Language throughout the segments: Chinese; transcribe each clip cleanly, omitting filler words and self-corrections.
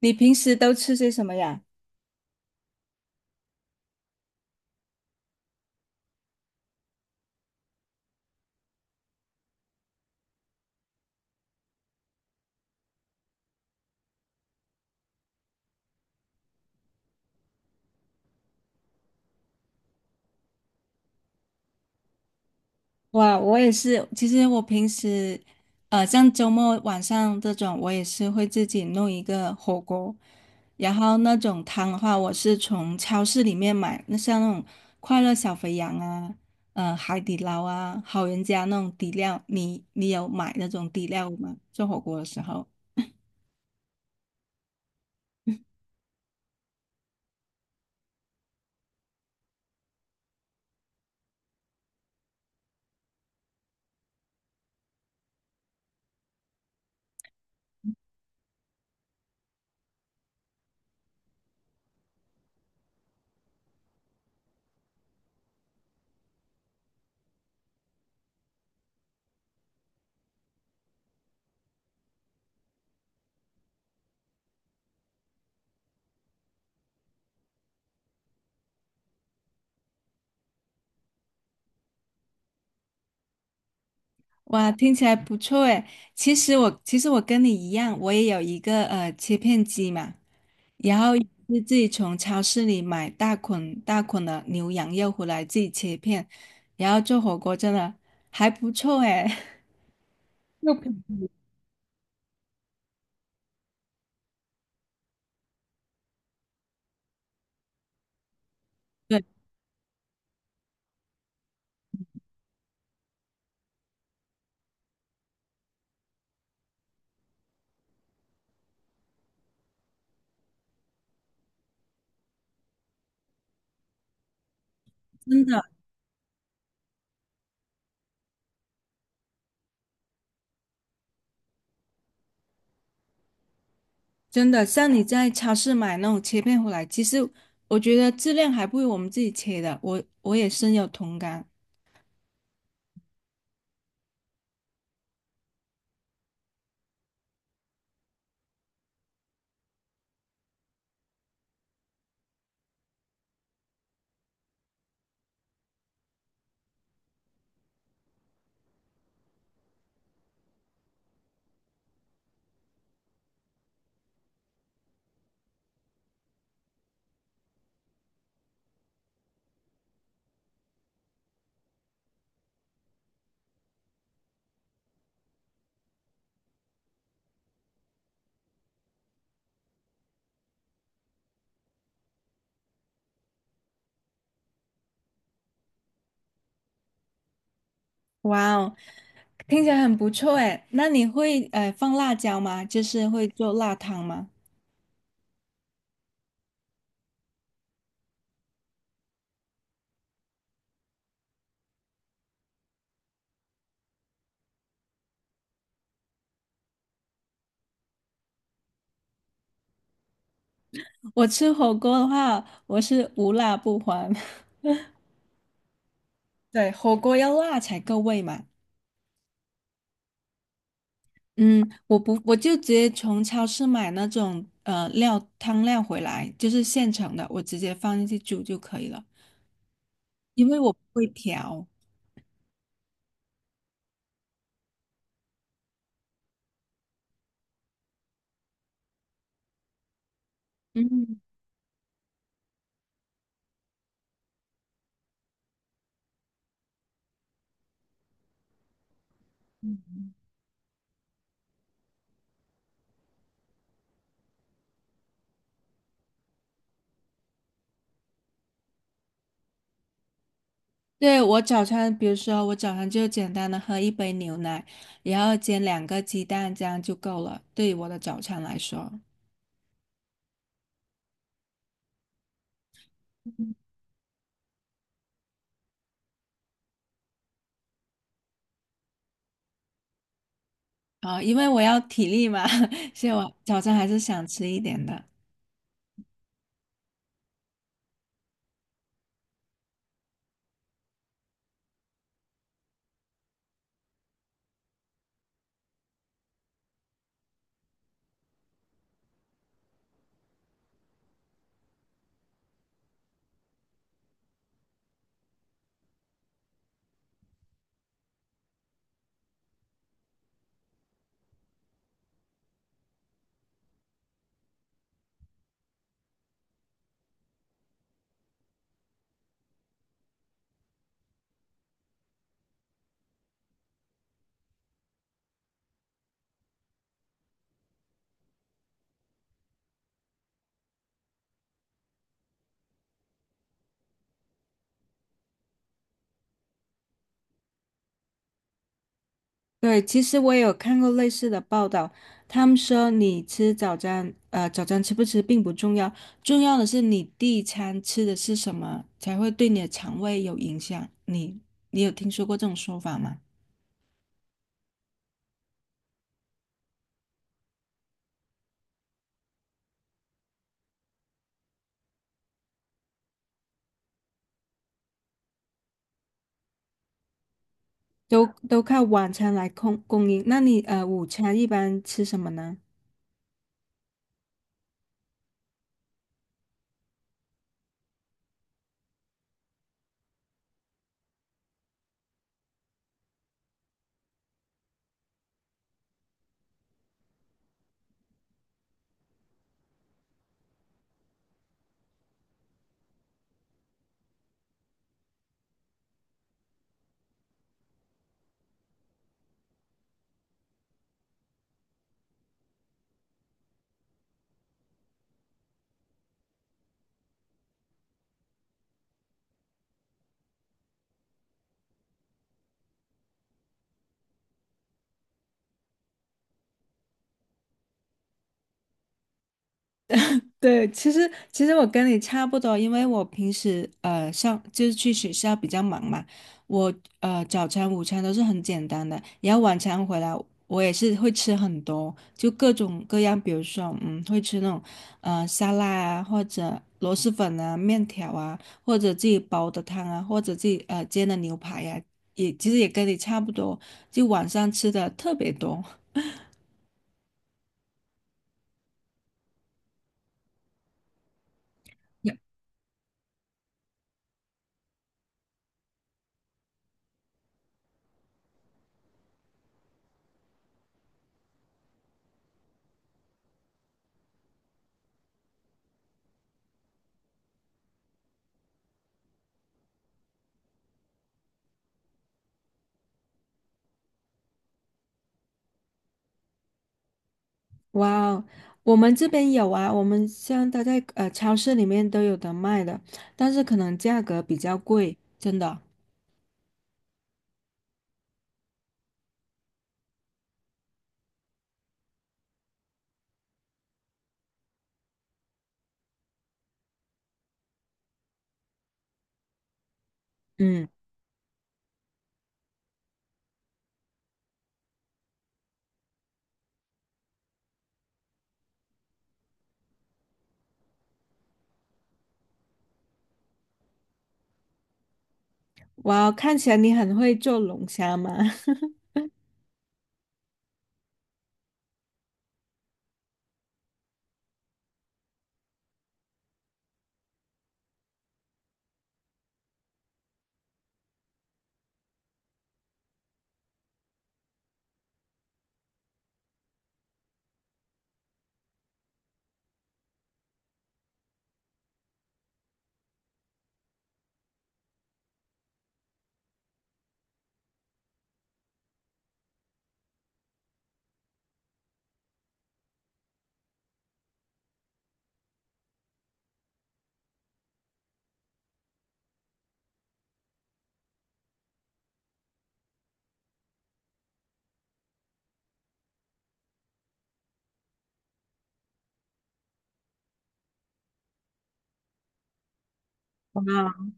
你平时都吃些什么呀？哇，我也是，其实我平时，像周末晚上这种，我也是会自己弄一个火锅，然后那种汤的话，我是从超市里面买，那像那种快乐小肥羊啊，海底捞啊，好人家那种底料，你有买那种底料吗？做火锅的时候？哇，听起来不错诶。其实我跟你一样，我也有一个切片机嘛。然后也是自己从超市里买大捆大捆的牛羊肉回来，自己切片，然后做火锅，真的还不错哎。对，真的真的,像你在超市买那种切片回来，其实我觉得质量还不如我们自己切的，我也深有同感。哇哦，听起来很不错哎。那你会放辣椒吗？就是会做辣汤吗？我吃火锅的话，我是无辣不欢。对，火锅要辣才够味嘛。嗯，我不，我就直接从超市买那种料汤料回来，就是现成的，我直接放进去煮就可以了，因为我不会调。嗯，对，我早餐，比如说我早上就简单的喝一杯牛奶，然后煎两个鸡蛋，这样就够了，对于我的早餐来说。啊，因为我要体力嘛，所以我早餐还是想吃一点的。对，其实我也有看过类似的报道，他们说你吃早餐，早餐吃不吃并不重要，重要的是你第一餐吃的是什么，才会对你的肠胃有影响。你有听说过这种说法吗？都靠晚餐来供应，那你午餐一般吃什么呢？对，其实我跟你差不多，因为我平时上就是去学校比较忙嘛，我早餐、午餐都是很简单的，然后晚餐回来我也是会吃很多，就各种各样，比如说会吃那种沙拉啊，或者螺蛳粉啊、面条啊，或者自己煲的汤啊，或者自己煎的牛排呀、也其实也跟你差不多，就晚上吃的特别多。哇哦，我们这边有啊，我们像它在超市里面都有的卖的，但是可能价格比较贵，真的。嗯，哇哦，看起来你很会做龙虾嘛。哇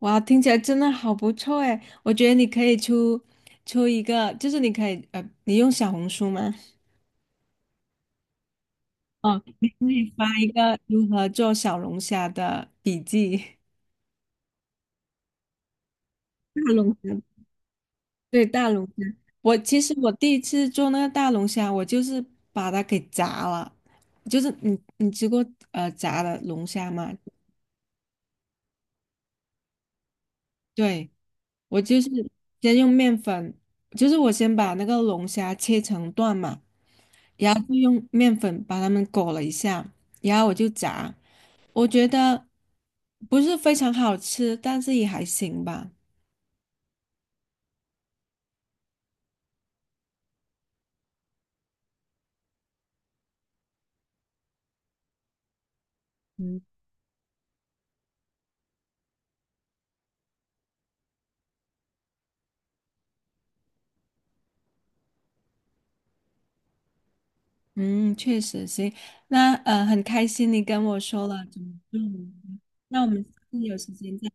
哇，听起来真的好不错哎！我觉得你可以出一个，就是你可以你用小红书吗？哦，你可以发一个如何做小龙虾的笔记。大龙虾对，大龙虾。其实我第一次做那个大龙虾，我就是把它给炸了。就是你吃过炸的龙虾吗？对，我就是先用面粉，就是我先把那个龙虾切成段嘛，然后就用面粉把它们裹了一下，然后我就炸。我觉得不是非常好吃，但是也还行吧。嗯。嗯，确实行。那很开心你跟我说了怎么做，那我们下次有时间再。